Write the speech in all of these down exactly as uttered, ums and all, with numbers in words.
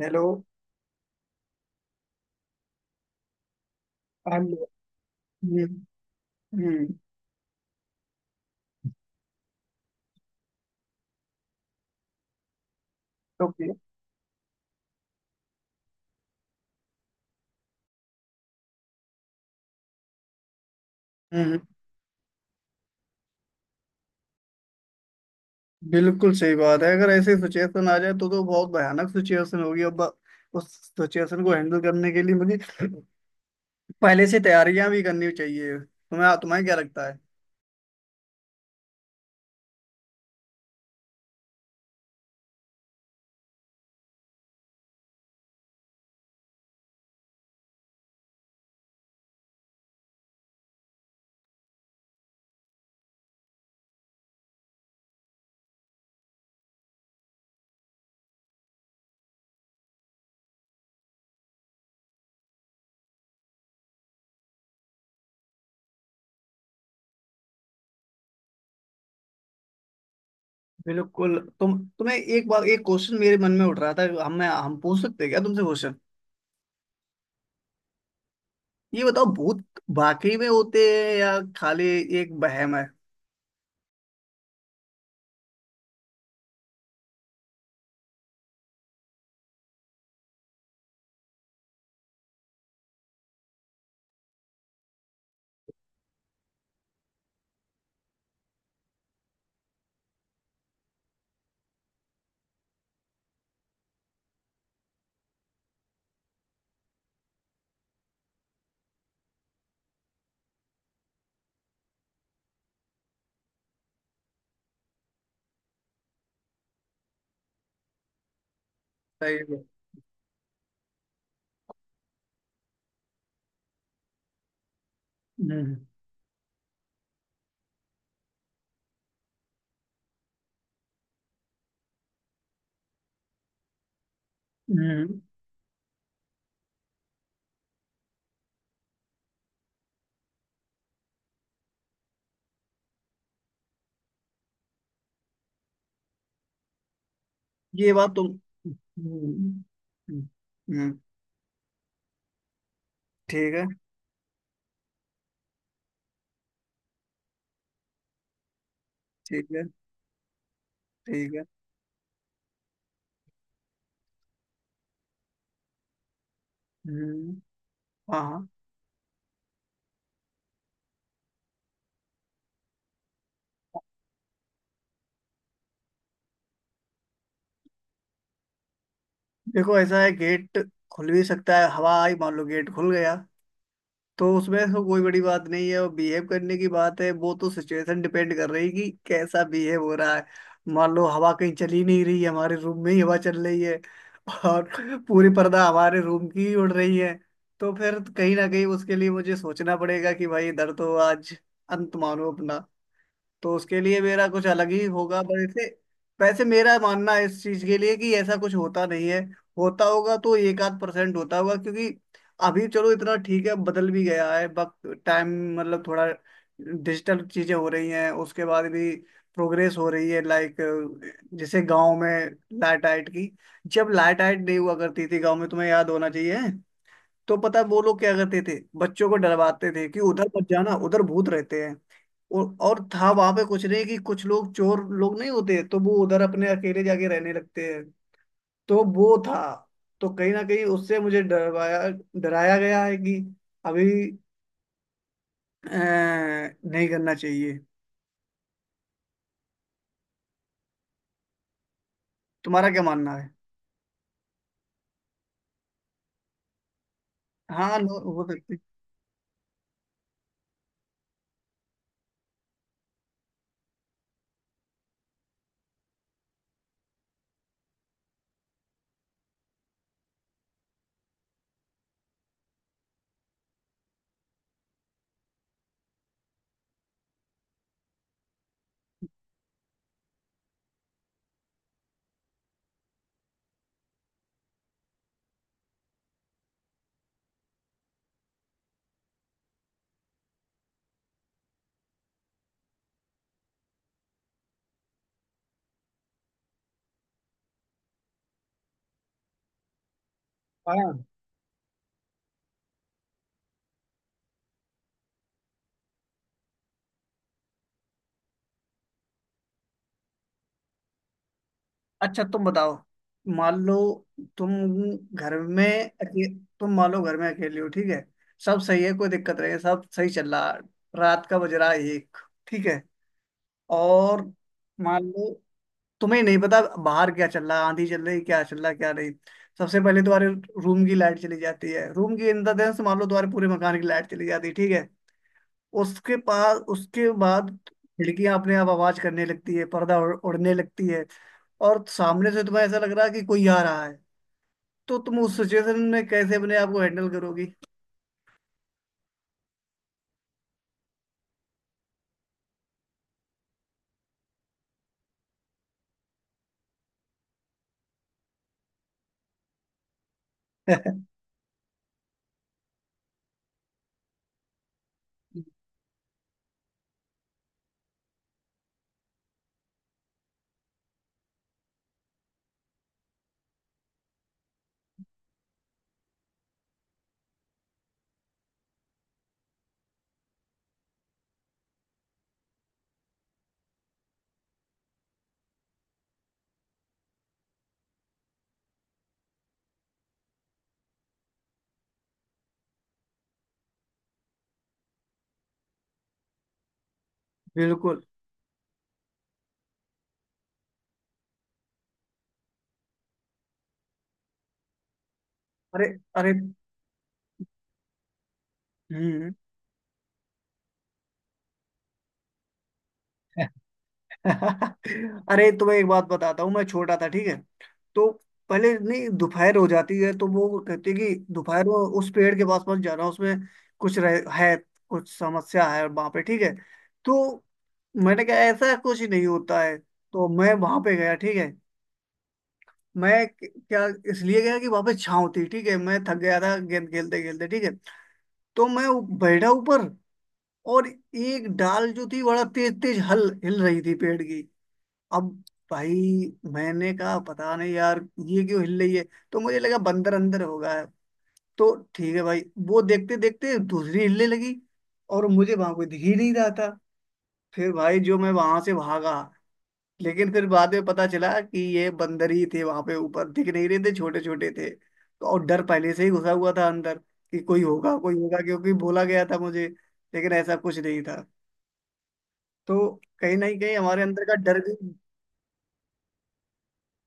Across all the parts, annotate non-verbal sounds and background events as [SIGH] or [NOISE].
Hello. Hello. हम्म। हम्म। Okay. हम्म। बिल्कुल सही बात है। अगर ऐसी सिचुएशन आ जाए तो तो बहुत भयानक सिचुएशन होगी। अब उस सिचुएशन को हैंडल करने के लिए मुझे पहले से तैयारियां भी करनी चाहिए। तुम्हें तुम्हें क्या लगता है? बिल्कुल। तुम तुम्हें एक बार एक क्वेश्चन मेरे मन में उठ रहा था। हम मैं हम पूछ सकते हैं क्या तुमसे क्वेश्चन? ये बताओ, भूत वाकई में होते हैं या खाली एक वहम है? सही है। हम्म। हम्म। ये बात तुम। हम्म। हम्म। हम्म। ठीक है। ठीक है। ठीक है। हम्म। हाँ, हाँ। देखो, ऐसा है, गेट खुल भी सकता है। हवा आई, मान लो गेट खुल गया, तो उसमें तो कोई बड़ी बात नहीं है। और बिहेव करने की बात है, वो तो सिचुएशन डिपेंड कर रही कि कैसा बिहेव हो रहा है। मान लो हवा कहीं चली नहीं रही है, हमारे रूम में ही हवा चल रही है और [LAUGHS] पूरी पर्दा हमारे रूम की ही उड़ रही है। तो फिर कहीं ना कहीं उसके लिए मुझे सोचना पड़ेगा कि भाई इधर तो आज अंत मानो अपना। तो उसके लिए मेरा कुछ अलग ही होगा, पर ऐसे। वैसे मेरा मानना है इस चीज के लिए कि ऐसा कुछ होता नहीं है। होता होगा तो एक आध परसेंट होता होगा, क्योंकि अभी चलो इतना ठीक है, बदल भी गया है वक्त, टाइम। मतलब थोड़ा डिजिटल चीजें हो रही हैं। उसके बाद भी प्रोग्रेस हो रही है, लाइक। जैसे गांव में लाइट आइट की, जब लाइट आइट नहीं हुआ करती थी गांव में, तुम्हें याद होना चाहिए। तो पता है वो लोग क्या करते थे? बच्चों को डरवाते थे कि उधर मत जाना, उधर भूत रहते हैं। और और था वहां पे कुछ नहीं, कि कुछ लोग चोर लोग नहीं होते तो वो उधर अपने अकेले जाके रहने लगते हैं। तो वो था। तो कहीं ना कहीं उससे मुझे डरवाया, डराया गया है कि अभी अ, नहीं करना चाहिए। तुम्हारा क्या मानना है? हाँ, लो- हो सकती। हाँ। अच्छा, तुम बताओ। मान लो तुम घर में अके, तुम मान लो घर में अकेले हो, ठीक है। सब सही है, कोई दिक्कत नहीं है, सब सही चल रहा है। रात का बज रहा है एक, ठीक है। और मान लो तुम्हें नहीं पता बाहर क्या चल रहा है, आंधी चल रही, क्या चल रहा क्या नहीं। सबसे पहले तुम्हारे रूम की लाइट चली जाती है, रूम की, इन द सेंस मान लो तुम्हारे पूरे मकान की लाइट चली जाती है, ठीक है। उसके पास उसके बाद खिड़कियां अपने आप आवाज करने लगती है, पर्दा उड़- उड़ने लगती है। और सामने से तुम्हें ऐसा लग रहा है कि कोई आ रहा है। तो तुम उस सिचुएशन में कैसे अपने आप को हैंडल करोगी? [LAUGHS] बिल्कुल। अरे। अरे। हम्म। [LAUGHS] अरे, तुम्हें एक बात बताता हूँ, मैं छोटा था, ठीक है। तो पहले नहीं, दोपहर हो जाती है तो वो कहती है कि दोपहर को उस पेड़ के पास पास जा रहा हूँ उसमें कुछ रह, है कुछ समस्या है वहां पे, ठीक है। तो मैंने कहा ऐसा कुछ नहीं होता है, तो मैं वहां पे गया, ठीक है। मैं क्या, इसलिए गया कि वहां पे छाँव थी, ठीक है। मैं थक गया था गेंद खेलते खेलते, ठीक है। तो मैं उ- बैठा ऊपर। और एक डाल जो थी बड़ा तेज तेज हल हिल रही थी पेड़ की। अब भाई, मैंने कहा पता नहीं यार ये क्यों हिल रही है? तो मुझे लगा बंदर अंदर होगा। तो ठीक है भाई, वो देखते देखते दूसरी हिलने लगी और मुझे वहां कोई दिख ही नहीं रहा था। फिर भाई जो मैं वहां से भागा। लेकिन फिर बाद में पता चला कि ये बंदर ही थे, वहां पे ऊपर दिख नहीं रहे थे, छोटे छोटे थे तो। और डर पहले से ही घुसा हुआ था अंदर कि कोई होगा कोई होगा, क्योंकि बोला गया था मुझे। लेकिन ऐसा कुछ नहीं था। तो कहीं ना कहीं हमारे अंदर का डर भी।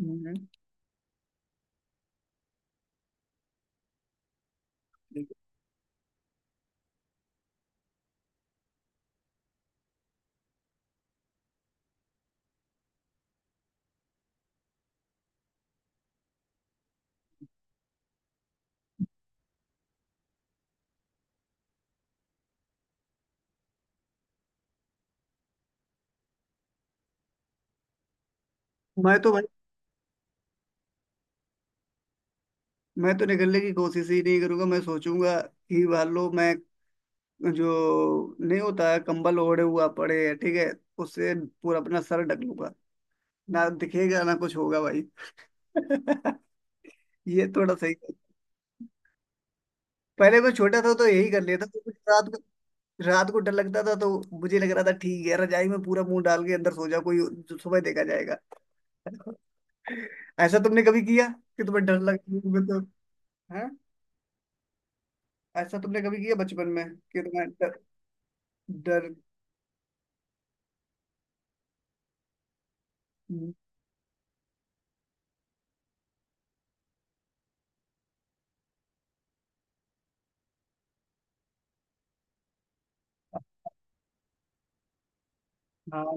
हम्म। हम्म। मैं तो भाई, मैं तो निकलने की कोशिश ही नहीं करूंगा। मैं सोचूंगा कि वालो मैं जो नहीं होता है, कंबल ओढ़े हुआ पड़े है, ठीक है। उससे पूरा अपना सर ढक लूंगा, ना दिखेगा ना कुछ होगा भाई। [LAUGHS] ये थोड़ा सही है। पहले मैं छोटा था तो यही कर लेता था कुछ रात को। रात को डर लगता था तो मुझे लग रहा था ठीक है रजाई में पूरा मुंह डाल के अंदर सो जा, कोई जो सुबह देखा जाएगा। [LAUGHS] ऐसा तुमने कभी किया कि तुम्हें डर लग? मैं तो। हाँ। ऐसा तुमने कभी किया बचपन में कि तुम्हें डर? डर? हम्म। हाँ,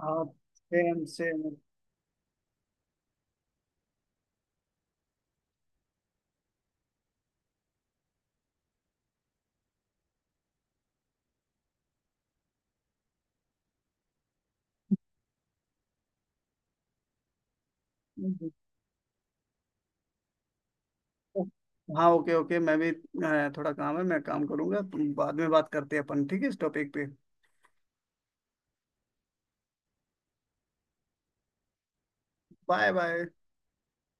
हाँ। Same same. हाँ, ओके ओके। मैं भी अ, थोड़ा काम है, मैं काम करूंगा। तुम बाद में बात करते हैं अपन, ठीक है, इस टॉपिक पे। Bye bye.